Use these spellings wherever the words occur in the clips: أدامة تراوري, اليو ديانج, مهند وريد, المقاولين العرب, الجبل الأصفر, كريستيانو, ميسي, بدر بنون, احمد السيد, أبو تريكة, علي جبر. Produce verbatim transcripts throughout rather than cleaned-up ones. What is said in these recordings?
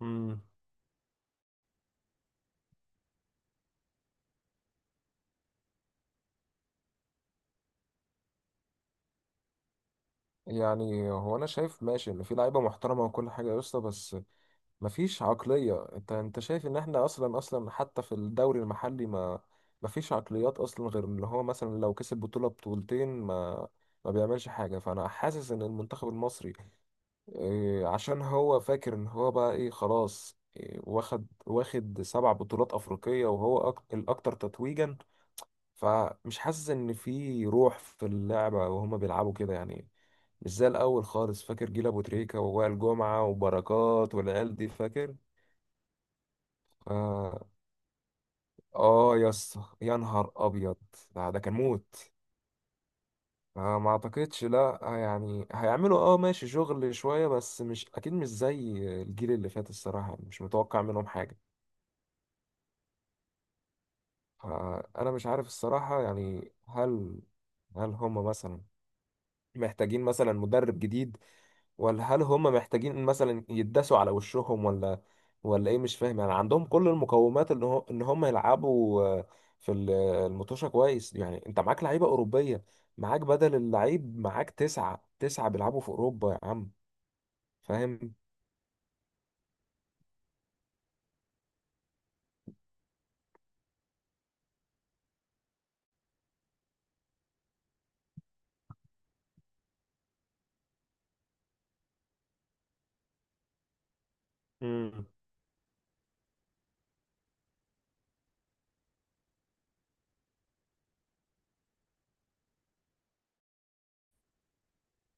مم. يعني هو انا شايف ماشي ان في لعيبه محترمه وكل حاجه يا اسطى، بس مفيش عقليه. انت انت شايف ان احنا اصلا اصلا حتى في الدوري المحلي ما مفيش عقليات اصلا غير اللي هو مثلا لو كسب بطوله بطولتين ما ما بيعملش حاجه. فانا حاسس ان المنتخب المصري إيه، عشان هو فاكر ان هو بقى ايه خلاص، إيه، واخد واخد سبع بطولات افريقيه وهو أك... الاكثر تتويجا. فمش حاسس ان في روح في اللعبه، وهما بيلعبوا كده يعني، مش زي الاول خالص. فاكر جيل ابو تريكه ووائل جمعه وبركات والعيال دي؟ فاكر؟ اه. آه يا اسطى، يا نهار ابيض. ده, ده كان موت. آه، ما اعتقدش. لا، آه يعني هيعملوا اه ماشي شغل شويه بس مش اكيد، مش زي الجيل اللي فات الصراحه يعني، مش متوقع منهم حاجه. آه، انا مش عارف الصراحه يعني، هل هل هما مثلا محتاجين مثلا مدرب جديد، ولا هل هم محتاجين مثلا يتداسوا على وشهم، ولا ولا ايه؟ مش فاهم يعني. عندهم كل المقومات ان هو ان هم يلعبوا، آه، في ال- المطوشة كويس يعني. انت معاك لعيبة أوروبية، معاك بدل اللعيب معاك تسعة تسعة بيلعبوا في أوروبا يا عم، فاهم. امم،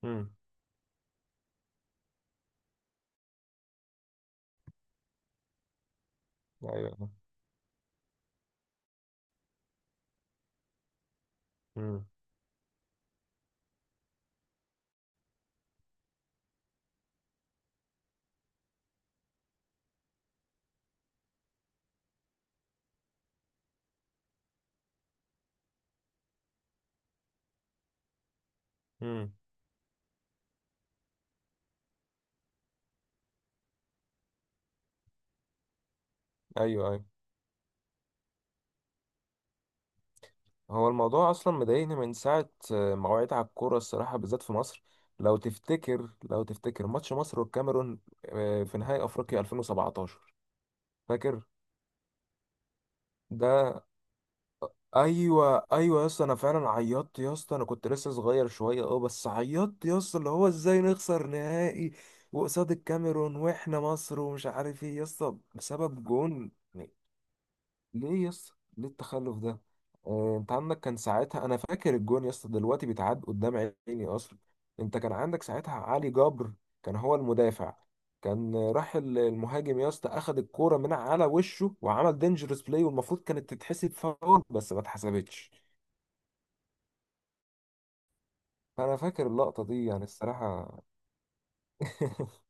امم، ايوه. امم، امم، ايوه. هو الموضوع اصلا مضايقني من ساعه آه، ما وعيت على الكوره الصراحه، بالذات في مصر. لو تفتكر لو تفتكر ماتش مصر والكاميرون آه، في نهائي افريقيا ألفين وسبعة عشر، فاكر؟ ده. ايوه ايوه يا اسطى، انا فعلا عيطت يا اسطى، انا كنت لسه صغير شويه اه، بس عيطت يا اسطى. اللي هو ازاي نخسر نهائي وقصاد الكاميرون واحنا مصر، ومش عارف ايه يا اسطى، بسبب جون. ليه يس ليه التخلف ده؟ آه، انت عندك كان ساعتها، انا فاكر الجون يا اسطى دلوقتي بيتعاد قدام عيني اصلا. انت كان عندك ساعتها علي جبر، كان هو المدافع. كان آه، راح ال- المهاجم يا اسطى، اخد الكوره من على وشه وعمل دينجرس بلاي، والمفروض كانت تتحسب فاول، بس ما اتحسبتش. فانا فاكر اللقطه دي يعني الصراحه.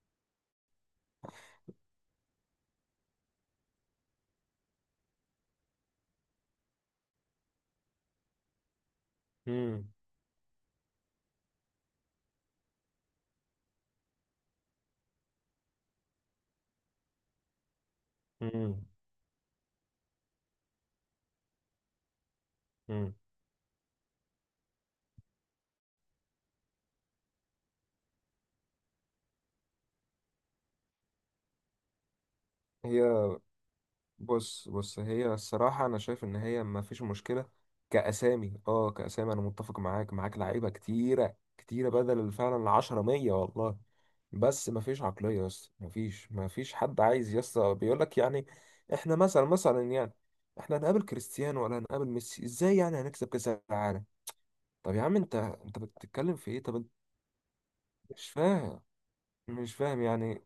مم. مم. مم. هي، بص بص، هي الصراحة أنا شايف إن هي ما فيش مشكلة. كأسامي أه كأسامي، أنا متفق معاك معاك لعيبة كتيرة كتيرة بدل فعلا العشرة مية والله. بس ما فيش عقلية يا اسطى، ما فيش ما فيش حد عايز يا اسطى، بيقول لك يعني، إحنا مثلا مثلا يعني، إحنا هنقابل كريستيانو ولا هنقابل ميسي؟ إزاي يعني هنكسب كأس العالم؟ طب يا عم أنت أنت بتتكلم في إيه؟ طب أنت، مش فاهم. مش فاهم يعني.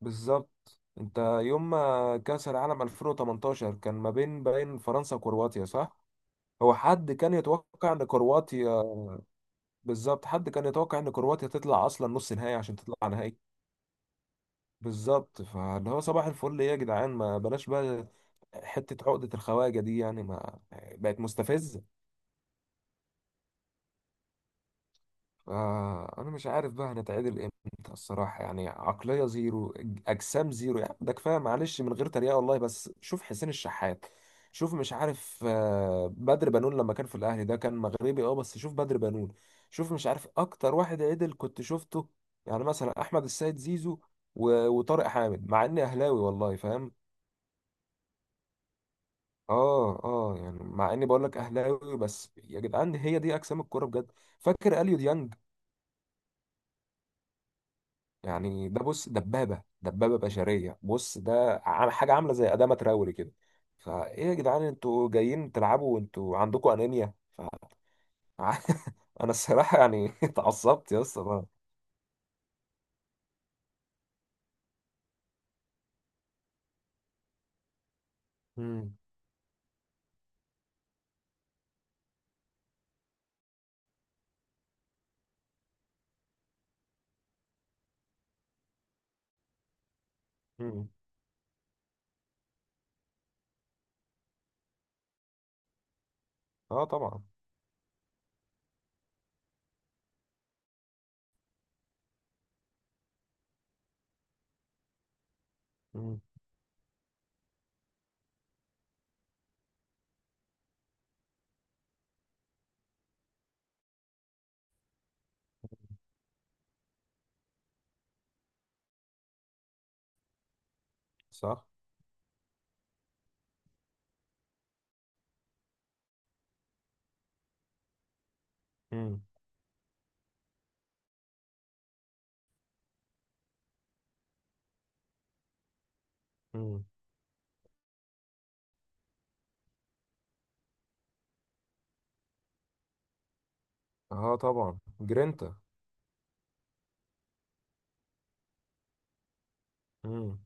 بالظبط، انت يوم ما كأس العالم ألفين وتمنتاشر كان ما بين بين فرنسا وكرواتيا، صح؟ هو حد كان يتوقع ان كرواتيا، بالظبط، حد كان يتوقع ان كرواتيا تطلع اصلا نص نهائي عشان تطلع نهائي؟ بالظبط. فاللي هو صباح الفل، ايه يا جدعان، ما بلاش بقى حتة عقدة الخواجة دي يعني، ما بقت مستفزة. آه، انا مش عارف بقى هنتعدل امتى الصراحه يعني، عقليه زيرو، أج- اجسام زيرو يعني، ده كفايه معلش من غير تريقه والله. بس شوف حسين الشحات، شوف، مش عارف، آه، بدر بنون لما كان في الاهلي، ده كان مغربي اه، بس شوف بدر بنون، شوف. مش عارف اكتر واحد عدل كنت شفته، يعني مثلا، احمد السيد، زيزو، و- وطارق حامد، مع اني اهلاوي والله، فاهم. اه اه، يعني مع اني بقول لك اهلاوي، بس يا جدعان، هي دي اجسام الكوره بجد. فاكر اليو ديانج؟ يعني ده، بص، دبابة دبابة بشرية، بص، ده عم- حاجة عاملة زي أدامة تراوري كده. فإيه يا جدعان، أنتوا جايين تلعبوا وأنتوا عندكم أنيميا ف... أنا الصراحة يعني اتعصبت يا اسطى بقى. مم. مم. أه طبعا. مم. صح. مم. مم. أه طبعا، جرينتا. مم.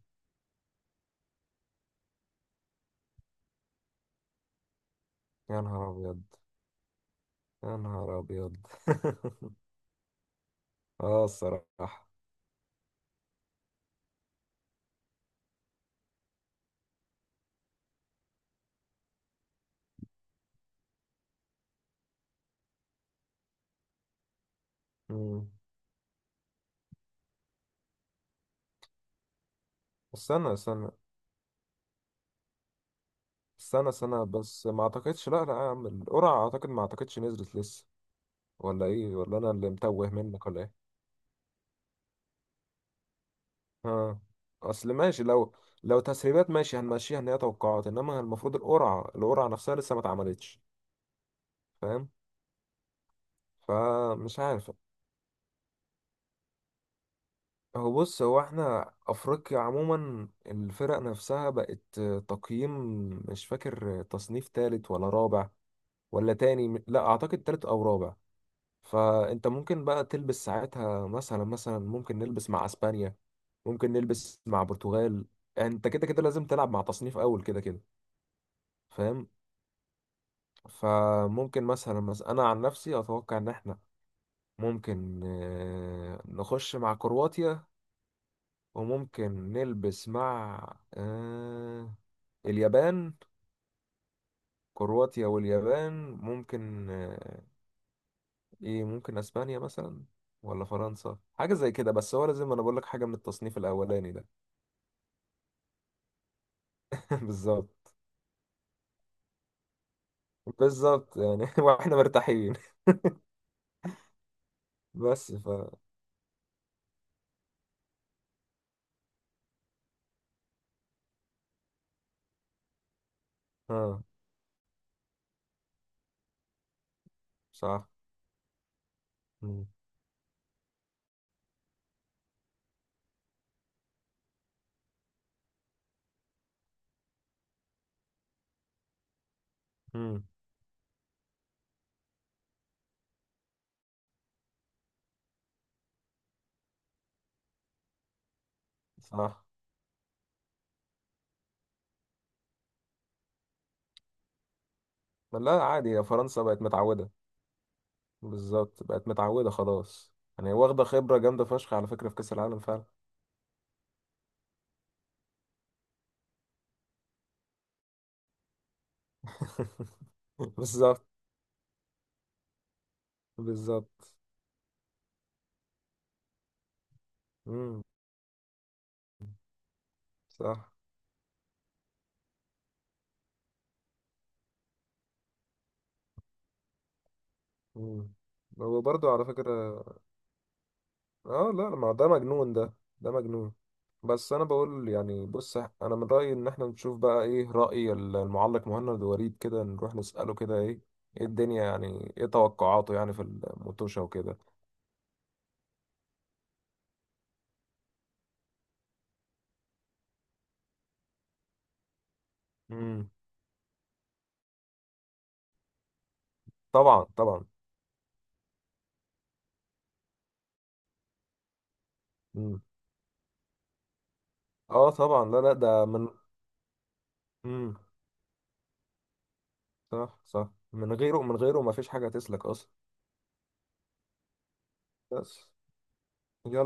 يا نهار أبيض. يا نهار أبيض. أه الصراحة. مم. استنى استنى. سنة سنة بس، ما اعتقدش، لا لا يا عم، القرعة اعتقد ما اعتقدش نزلت لسه، ولا ايه، ولا انا اللي متوه منك، ولا ايه؟ ها. اصل ماشي لو لو تسريبات ماشي هنمشيها ان هي توقعات، انما المفروض القرعة القرعة نفسها لسه ما اتعملتش، فاهم. فمش عارف، هو بص، هو احنا افريقيا عموما الفرق نفسها بقت تقييم، مش فاكر تصنيف تالت ولا رابع، ولا تاني، لا اعتقد تالت او رابع. فانت ممكن بقى تلبس ساعتها مثلا، مثلا ممكن نلبس مع اسبانيا، ممكن نلبس مع برتغال، انت كده كده لازم تلعب مع تصنيف اول كده كده، فاهم. فممكن مثلا، مثلا انا عن نفسي اتوقع ان احنا ممكن آه، نخش مع كرواتيا، وممكن نلبس مع آه، اليابان. كرواتيا واليابان ممكن آه، ايه، ممكن اسبانيا مثلا، ولا فرنسا، حاجة زي كده. بس هو لازم انا بقول لك حاجة من التصنيف الاولاني ده. بالظبط. بالظبط يعني واحنا مرتاحين. بس ف، اه، صح. مم. مم. صح. ما لا عادي يا فرنسا، بقت متعودة. بالظبط، بقت متعودة خلاص يعني، واخدة خبرة جامدة فشخ على فكرة في كأس العالم فعلا. بالظبط. بالظبط. مم. صح. مم. هو برضه على فكرة، اه لا ما ده مجنون ده ده مجنون. بس انا بقول يعني، بص، انا من رايي ان احنا نشوف بقى ايه راي المعلق مهند وريد، كده نروح نساله كده، ايه ايه الدنيا يعني، ايه توقعاته يعني في الموتوشه وكده. امم. طبعا طبعا. امم. اه طبعا، لا لا ده من. امم. صح صح، من غيره من غيره ما فيش حاجه تسلك اصلا. بس يلا.